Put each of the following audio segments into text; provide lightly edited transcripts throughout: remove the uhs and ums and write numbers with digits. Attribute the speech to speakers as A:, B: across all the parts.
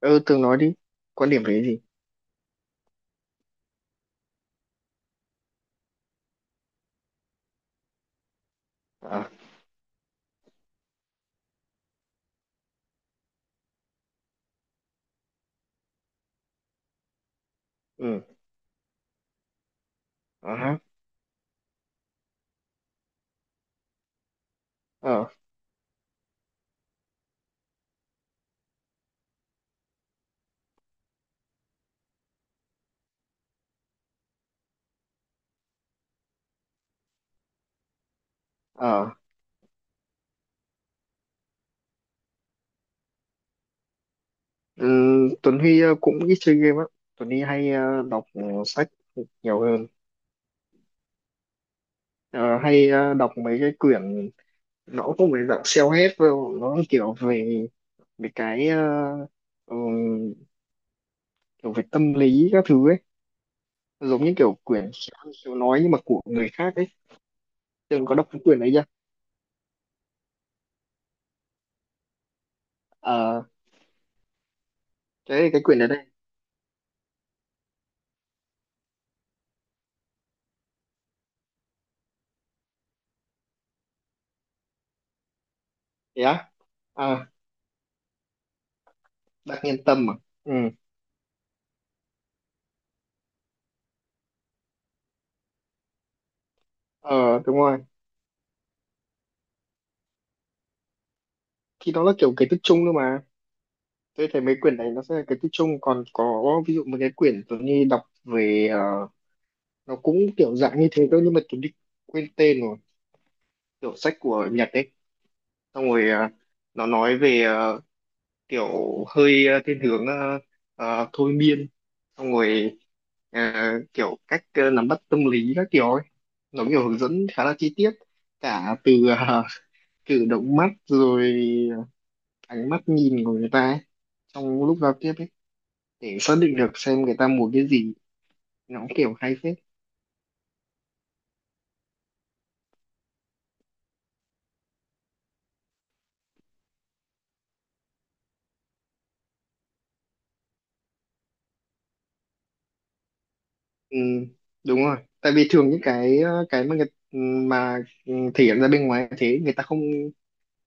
A: Ừ, tường nói đi. Quan điểm về cái gì? À. Ừ. À ha. Ờ. Ờ. Ừ, Tuấn Huy cũng ít chơi game á. Tuấn Huy hay đọc sách nhiều hơn. Ờ, hay đọc mấy cái quyển, nó cũng không phải dạng self-help đâu, nó kiểu về về cái ừ, kiểu về tâm lý các thứ ấy, giống như kiểu quyển khéo ăn khéo nói nhưng mà của người khác ấy. Tường có đọc cái quyển đấy chưa? À, cái quyển đấy đây. Thế á. À, đặc nhân tâm à? Ừ. Ờ, đúng rồi, thì nó là kiểu cái tích chung thôi mà. Tôi thấy mấy quyển này nó sẽ là cái tích chung, còn có ví dụ một cái quyển tôi như đọc về, nó cũng kiểu dạng như thế thôi nhưng mà tôi đi, quên tên rồi, kiểu sách của Nhật ấy. Xong rồi nó nói về kiểu hơi thiên hướng, thôi miên, xong rồi, ờ, kiểu cách nắm bắt tâm lý các kiểu ấy. Nó kiểu hướng dẫn khá là chi tiết, cả từ cử động mắt rồi ánh mắt nhìn của người ta ấy, trong lúc giao tiếp, để xác định được xem người ta muốn cái gì. Nó cũng kiểu hay phết. Ừ, đúng rồi, tại vì thường những cái, cái mà người, mà, thể hiện ra bên ngoài như thế người ta không,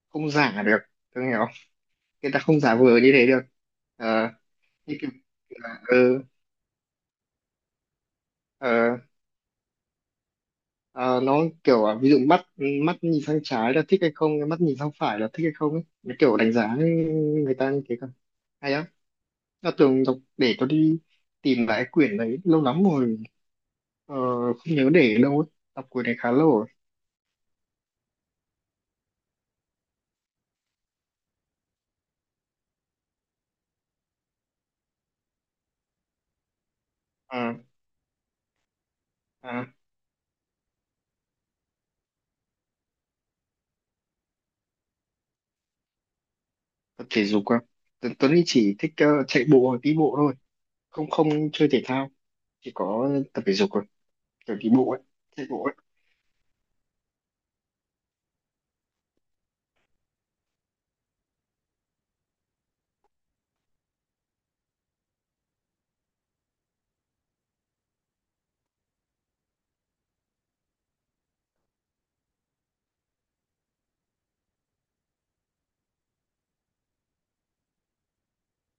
A: không giả được. Tôi hiểu không? Người ta không giả vờ như thế được. Ờ, như kiểu là, ờ, ờ, nó kiểu, ví dụ mắt, mắt nhìn sang trái là thích hay không, mắt nhìn sang phải là thích hay không ấy. Nó kiểu đánh giá người ta như thế cơ. Hay á. Nó tưởng đọc để tôi đi tìm lại quyển đấy lâu lắm rồi. Ờ, không nhớ để ở đâu ấy. Tập cuối này khá lâu rồi. À. À, tập thể dục à? Tuấn Tuấn thì chỉ thích chạy bộ hoặc đi bộ thôi. Không, không chơi thể thao. Chỉ có tập thể dục rồi. Kiểu đi bộ ấy. Chạy bộ ấy.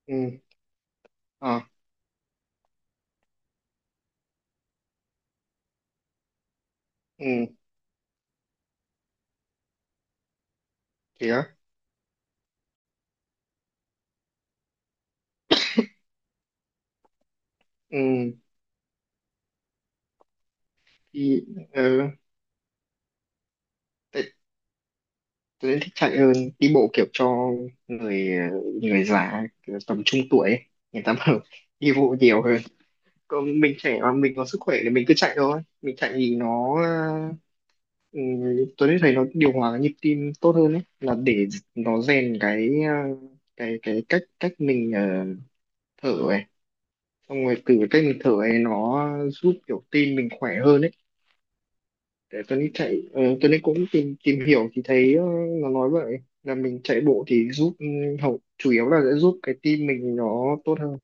A: Ừ. À. Ừ. Thế á. Ừ. Thì, ờ, tại Tuấn thích chạy hơn. Đi bộ kiểu cho người, người già kiểu tầm trung tuổi ấy. Người ta bảo đi bộ nhiều hơn. Còn mình trẻ mà mình có sức khỏe thì mình cứ chạy thôi. Mình chạy thì nó, ừ, Tuấn thì thấy nó điều hòa cái nhịp tim tốt hơn ấy, là để nó rèn cái, cái cách cách mình thở ấy, xong rồi từ cái cách mình thở ấy nó giúp kiểu tim mình khỏe hơn ấy. Để Tuấn đi chạy, Tuấn đi cũng tìm tìm hiểu thì thấy nó nói vậy là mình chạy bộ thì giúp, hậu chủ yếu là sẽ giúp cái tim mình nó tốt hơn.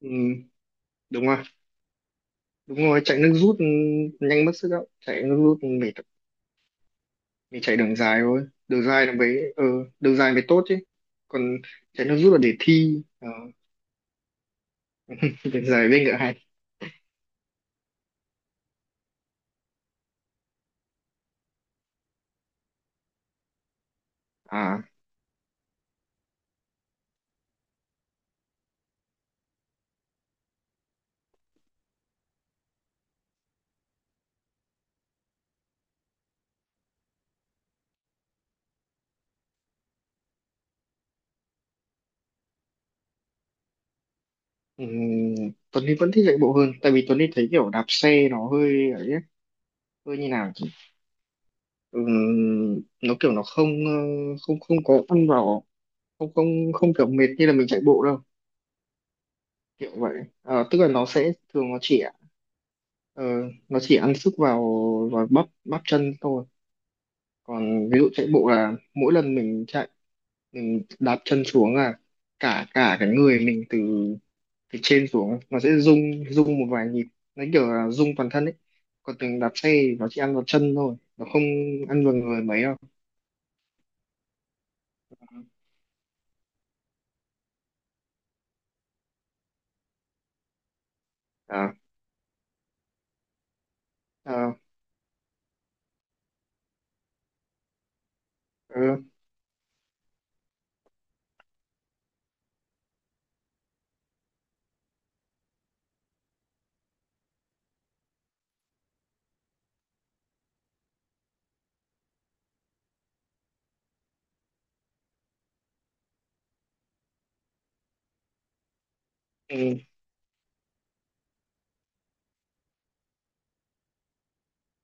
A: Ừ, đúng rồi. Đúng rồi, chạy nước rút, nhanh mất sức đâu, chạy nước rút mệt. Mình chạy đường dài thôi, đường dài nó mới, đường dài mới tốt chứ. Còn chạy nước rút là để thi, đường dài với ngựa hay. À. ừm, Tuấn Huy vẫn thích chạy bộ hơn, tại vì Tuấn Huy thấy kiểu đạp xe nó hơi ấy ấy, hơi như nào chứ. Nó kiểu nó không, không, không có ăn vào, không, không, không kiểu mệt như là mình chạy bộ đâu, kiểu vậy. Ờ, tức là nó sẽ thường nó chỉ, ờ, nó chỉ ăn sức vào, bắp, bắp chân thôi. Còn ví dụ chạy bộ là mỗi lần mình chạy, mình đạp chân xuống là cả cả cái người mình, từ từ trên xuống nó sẽ rung, rung một vài nhịp, nó kiểu là rung toàn thân ấy. Còn từng đạp xe thì nó chỉ ăn vào chân thôi, nó không ăn vào người mấy đâu. À. À. Ừ. Ừ.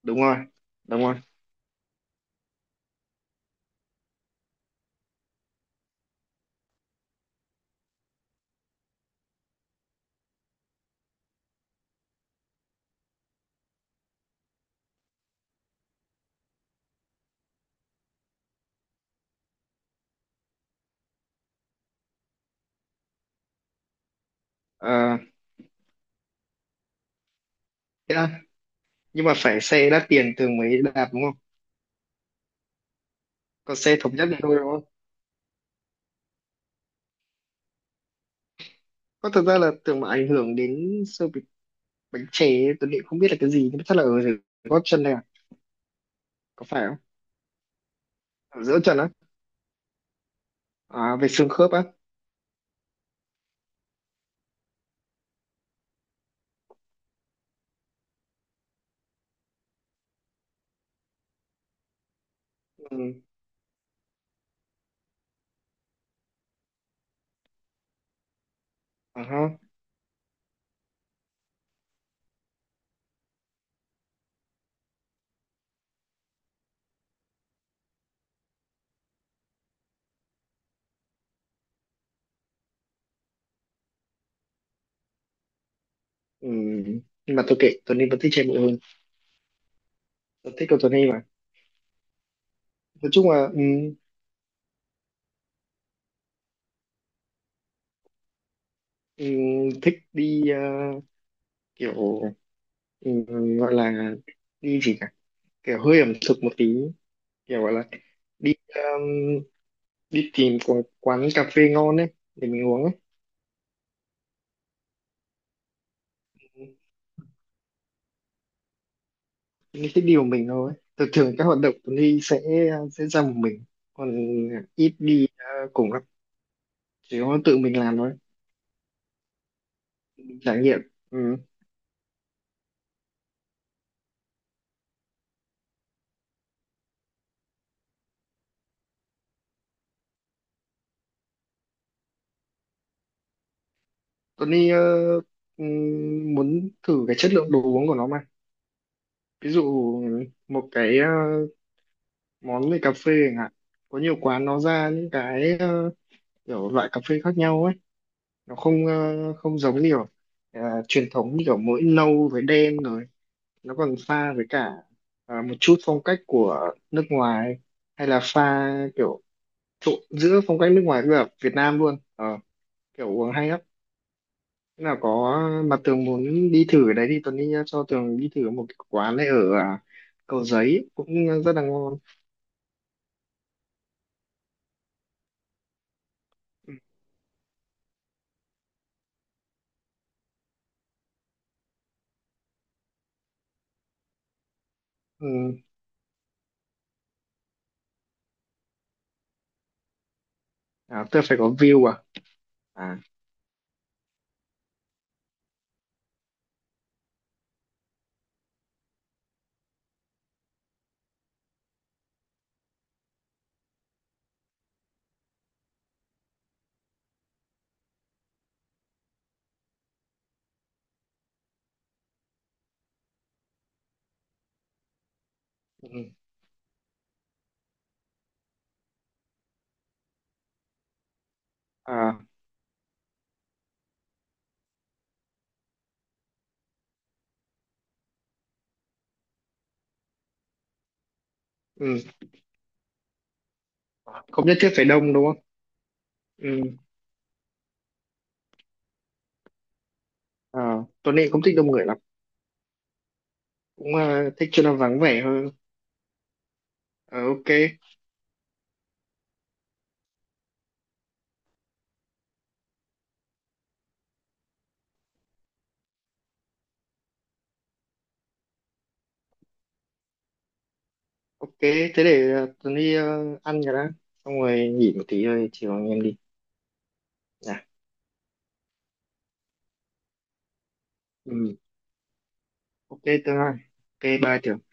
A: Đúng rồi, đúng rồi. À, thế à, nhưng mà phải xe đắt tiền thường mới đạp đúng không? Còn xe thống nhất thì thôi đúng không? Có thật ra là tưởng mà ảnh hưởng đến sơ bị bánh chè ấy, tôi nghĩ không biết là cái gì nhưng mà chắc là ở dưới gót chân này, có phải không, giữa trần á. À, về xương khớp á. Ừ. À, ha. Ừ. Nhưng mà tôi kệ, Tuấn Huy vẫn thích chạy bộ hơn. Tôi thích cầu Tuấn Huy mà. Nói chung là, ừ, thích đi, kiểu, ừ, gọi là đi gì cả, kiểu hơi ẩm thực một tí, kiểu gọi là đi, đi tìm quán, quán cà phê ngon ấy để mình uống ấy. Mình thích đi một mình thôi, thường thường các hoạt động Tuấn Huy sẽ, ra một mình. Còn ít đi, cùng lắm chỉ có tự mình làm thôi. Trải nghiệm. Ừ. Tony muốn thử cái chất lượng đồ uống của nó mà. Ví dụ một cái, món về cà phê chẳng hạn. Có nhiều quán nó ra những cái, kiểu loại cà phê khác nhau ấy. Nó không, không giống kiểu, ờ, truyền thống như kiểu mỗi nâu với đen rồi. Nó còn pha với cả, một chút phong cách của nước ngoài, hay là pha kiểu trộn giữa phong cách nước ngoài với cả Việt Nam luôn. Ờ, kiểu uống hay lắm. Thế nào có mà Tường muốn đi thử ở đấy thì Tuấn đi nhá, cho Tường đi thử một cái quán này ở, à, Cầu Giấy cũng rất là ngon. Ừ. Ừ. À, tôi phải có view à. À. Ừ. À. Ừ. Không nhất thiết phải đông đúng không? Ừ. À, Tuấn Anh không thích đông người lắm. Cũng à, thích chỗ nào vắng vẻ hơn. Ờ, ok. Ok, thế để, à, Tuấn đi, à, ăn cái đó xong rồi nghỉ một tí rồi chiều anh em đi. Dạ. Ừ. Ok Tường ơi. Ok, bye Tường.